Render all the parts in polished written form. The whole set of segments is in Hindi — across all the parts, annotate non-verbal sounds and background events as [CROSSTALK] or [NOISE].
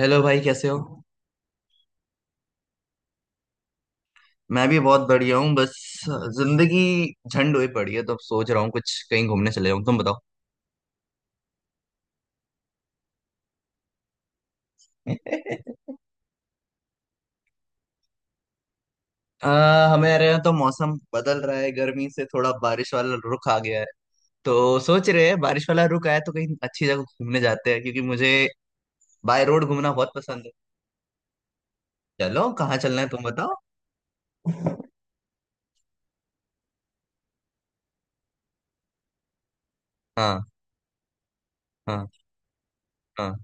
हेलो भाई कैसे हो। मैं भी बहुत बढ़िया हूँ। बस जिंदगी झंड हुई पड़ी है तो अब सोच रहा हूँ कुछ कहीं घूमने चले जाऊँ। तुम बताओ। [LAUGHS] आ, हमारे यहाँ तो मौसम बदल रहा है, गर्मी से थोड़ा बारिश वाला रुख आ गया है। तो सोच रहे हैं बारिश वाला रुख आया तो कहीं अच्छी जगह घूमने जाते हैं क्योंकि मुझे बाय रोड घूमना बहुत पसंद है। चलो कहाँ चलना है तुम बताओ। हाँ। हाँ। हाँ।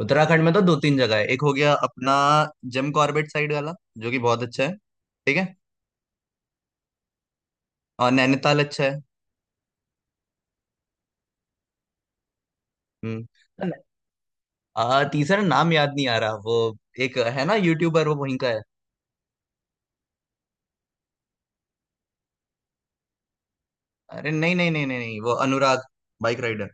उत्तराखंड में तो दो तीन जगह है। एक हो गया अपना जिम कॉर्बेट साइड वाला, जो कि बहुत अच्छा है। ठीक है। और नैनीताल अच्छा है। हम्म। तीसरा नाम याद नहीं आ रहा। वो एक है ना यूट्यूबर, वो वहीं का है। अरे नहीं नहीं नहीं नहीं नहीं, वो अनुराग बाइक राइडर।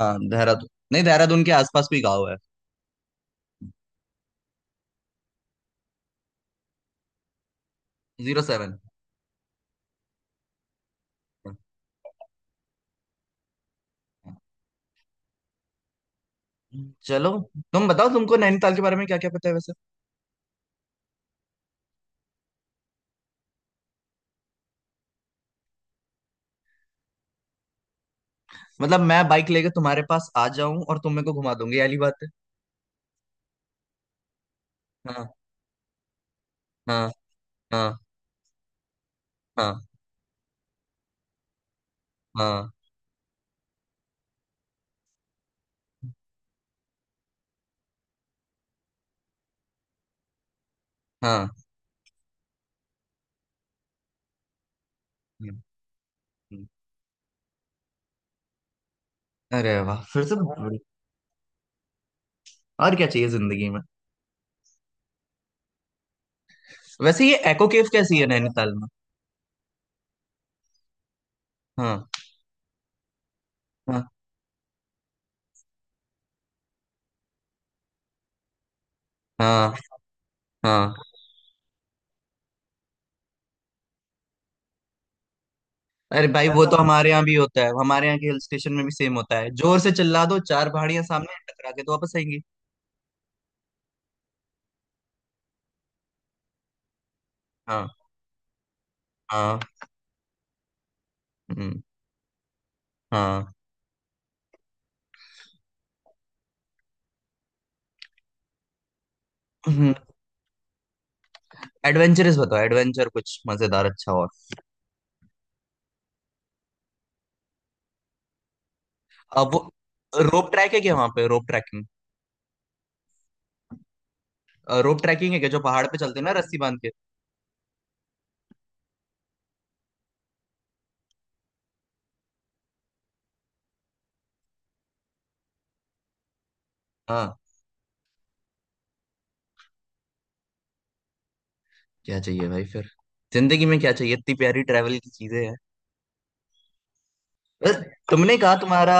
हाँ देहरादून, नहीं देहरादून के आसपास कोई गाँव है। Zero seven. चलो। तुम बताओ तुमको नैनीताल के बारे में क्या क्या पता है वैसे। मतलब मैं बाइक लेके तुम्हारे पास आ जाऊं और तुम मेरे को घुमा दोगे, ये वाली बात है। हाँ। हाँ। हाँ। हाँ। हाँ। हाँ। हम्म, हम्म। अरे वाह! फिर से। और क्या चाहिए जिंदगी में। वैसे ये एको केव कैसी है नैनीताल में। हाँ। हाँ। हाँ। हाँ। अरे भाई वो ऐसा तो ऐसा। हमारे यहाँ भी होता है, हमारे यहाँ के हिल स्टेशन में भी सेम होता है, जोर से चिल्ला दो, चार पहाड़ियां सामने हैं, टकरा के तो वापस आएंगी। हाँ। हाँ। हम्म, हाँ। एडवेंचरस बताओ, एडवेंचर कुछ मजेदार अच्छा और। अब वो रोप ट्रैक है क्या वहां पे? Rope trekking? रोप ट्रैकिंग है क्या? जो पहाड़ पे चलते हैं ना रस्सी बांध के। हाँ। क्या चाहिए भाई फिर, जिंदगी में क्या चाहिए? इतनी प्यारी ट्रैवल की चीजें हैं। बस। तुमने कहा तुम्हारा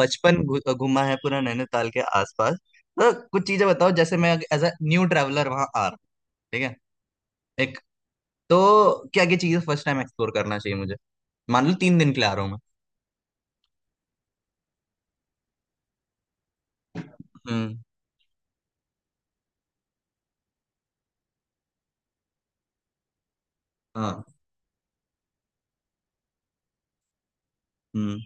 बचपन घूमा है पूरा नैनीताल के आसपास। तो कुछ चीजें बताओ, जैसे मैं एज अ न्यू ट्रैवलर वहां आ रहा हूँ। एक तो क्या क्या चीजें फर्स्ट टाइम एक्सप्लोर करना चाहिए मुझे? मान लो 3 दिन के लिए आ रहा हूँ मैं। हम्म। हाँ। हम्म।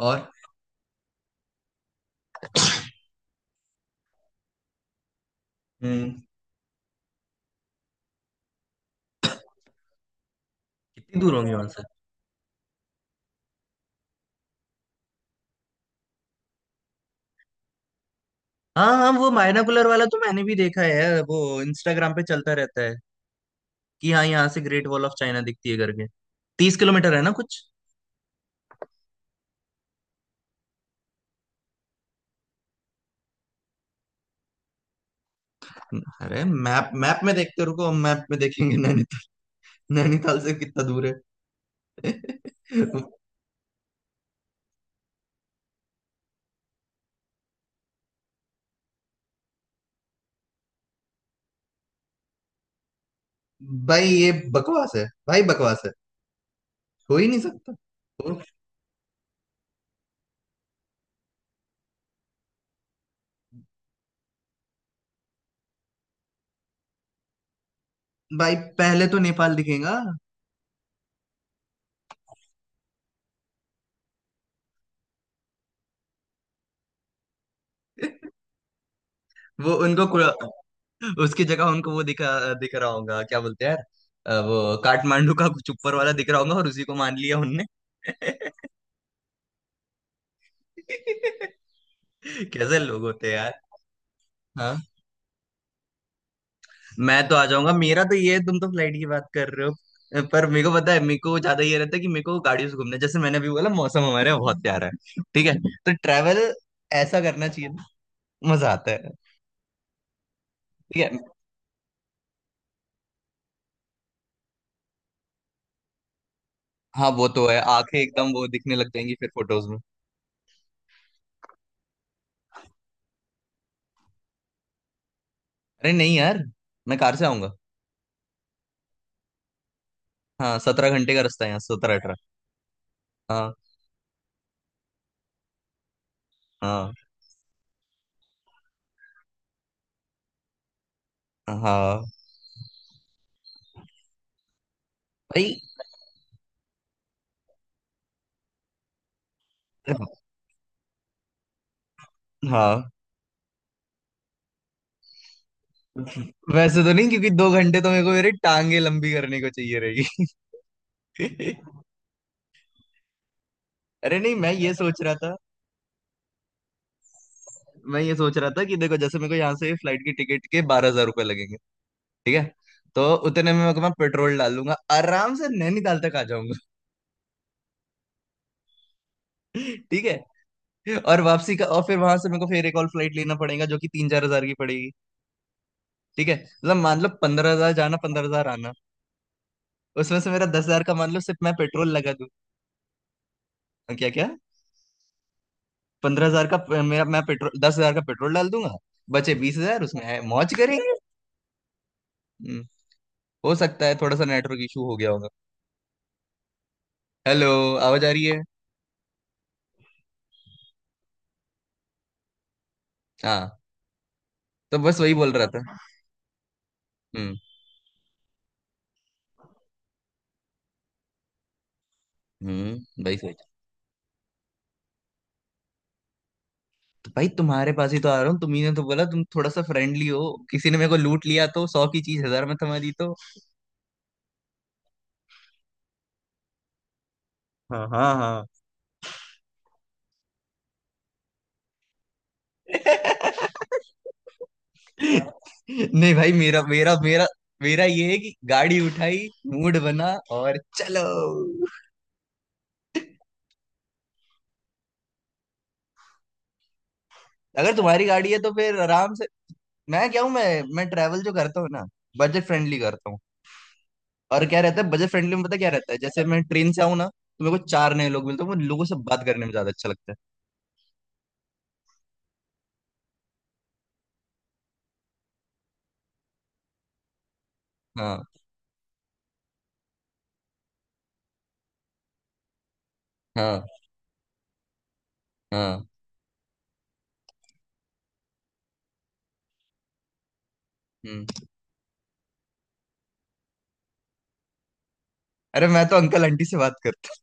और। हम्म। कितनी दूर होंगी वहां से? हाँ हाँ, वो मायनाकुलर वाला तो मैंने भी देखा है यार, वो इंस्टाग्राम पे चलता रहता है कि हाँ यहाँ से ग्रेट वॉल ऑफ चाइना दिखती है करके। 30 किलोमीटर है ना कुछ। अरे मैप मैप में देखते रुको, हम मैप में देखेंगे नैनीताल। नैनीताल से कितना दूर है। [LAUGHS] भाई ये बकवास है, भाई बकवास है, हो ही नहीं सकता। हो- भाई पहले तो नेपाल दिखेगा। [LAUGHS] वो उनको कु- उसकी जगह उनको वो दिख रहा होगा। क्या बोलते हैं यार, वो काठमांडू का कुछ ऊपर वाला दिख रहा होगा और उसी को मान लिया उनने। [LAUGHS] कैसे लोग होते हैं यार। हाँ, मैं तो आ जाऊंगा, मेरा तो ये है, तुम तो फ्लाइट की बात कर रहे हो पर मेरे को पता है, मेरे को ज्यादा ये रहता है कि मेरे को गाड़ियों से घूमना, जैसे मैंने अभी बोला मौसम हमारे यहाँ बहुत प्यारा है, ठीक है। तो ट्रैवल ऐसा करना चाहिए ना, मजा आता है। ठीक है। हाँ वो तो है, आंखें एकदम वो दिखने लग जाएंगी फिर फोटोज में। अरे नहीं यार, मैं कार से आऊंगा। हाँ, 17 घंटे का रास्ता है यहाँ, 17-18। हाँ। हाँ। हाँ भाई। हाँ। वैसे तो नहीं, क्योंकि 2 घंटे तो मेरे को मेरी टांगे लंबी करने को चाहिए रहेगी। [LAUGHS] अरे नहीं, मैं ये सोच रहा था। मैं ये सोच रहा था कि देखो, जैसे मेरे को यहाँ से फ्लाइट की टिकट के 12,000 रुपये लगेंगे। ठीक है। तो उतने में मेरे को, मैं पेट्रोल डालूंगा आराम से नैनीताल तक आ जाऊंगा। [LAUGHS] ठीक है। और वापसी का, और फिर वहां से मेरे को फिर एक और फ्लाइट लेना पड़ेगा जो कि 3-4 हजार की पड़ेगी। ठीक है, मतलब मान लो 15,000 जाना, 15,000 आना, उसमें से मेरा 10,000 का मान लो सिर्फ मैं पेट्रोल लगा दूं। क्या? क्या? 15,000 का मेरा, मैं पेट्रोल, 10,000 का पेट्रोल डाल दूंगा। बचे 20,000, उसमें है मौज करेंगे। हम्म, हो सकता है थोड़ा सा नेटवर्क इशू हो गया होगा। हेलो। आवाज आ रही है। हाँ। तो बस वही बोल रहा था। हम्म। भाई, सही। तो भाई तुम्हारे पास ही तो आ रहा हूँ, तुम्ही ने तो बोला तुम थोड़ा सा फ्रेंडली हो। किसी ने मेरे को लूट लिया तो सौ की चीज हजार में थमा दी तो। हाँ। हाँ। हाँ। [LAUGHS] नहीं भाई, मेरा मेरा ये है कि गाड़ी उठाई, मूड बना, और चलो। अगर तुम्हारी गाड़ी है तो फिर आराम से। मैं क्या हूँ, मैं ट्रैवल जो करता हूँ ना, बजट फ्रेंडली करता हूँ। और क्या रहता है बजट फ्रेंडली में पता क्या रहता है, जैसे मैं ट्रेन से आऊँ ना तो मेरे को चार नए लोग मिलते हैं, मुझे लोगों से बात करने में ज्यादा अच्छा लगता है। हाँ। हाँ। हाँ। हम्म। अरे मैं तो अंकल आंटी से बात करता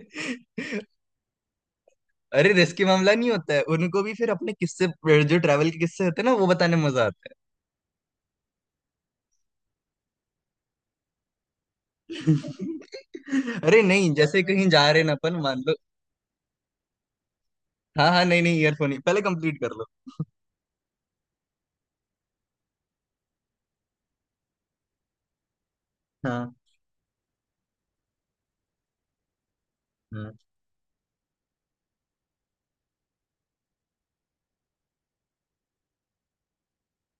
हूँ। [LAUGHS] अरे रिस्की मामला नहीं होता है, उनको भी फिर अपने किस्से, जो ट्रैवल के किस्से होते हैं ना, वो बताने में मजा आता है। [LAUGHS] अरे नहीं, जैसे कहीं जा रहे ना अपन, मान लो। हाँ हाँ, नहीं नहीं, ईयरफोन ही पहले कंप्लीट कर लो। हाँ। हाँ।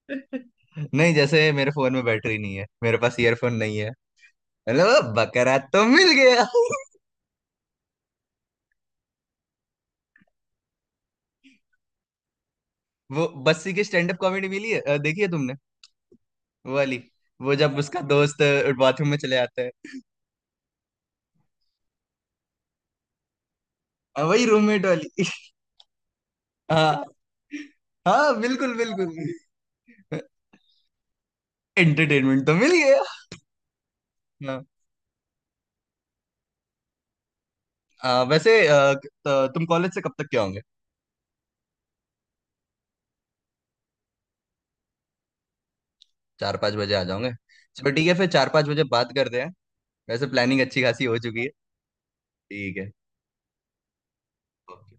[LAUGHS] नहीं, जैसे मेरे फोन में बैटरी नहीं है, मेरे पास ईयरफोन नहीं है। हेलो। बकरा तो मिल गया। [LAUGHS] वो बस्सी की स्टैंड अप कॉमेडी मिली है, देखी है तुमने? वो वाली। वो जब उसका दोस्त बाथरूम में चले जाता है। वही रूममेट वाली। [LAUGHS] हाँ, हाँ, बिल्कुल बिल्कुल। [LAUGHS] एंटरटेनमेंट तो मिल गया। हाँ, वैसे तुम कॉलेज से कब तक के? 4-5 बजे आ जाऊंगे। चलो ठीक है, फिर 4-5 बजे बात करते हैं। वैसे प्लानिंग अच्छी खासी हो चुकी है। ठीक है। ओके।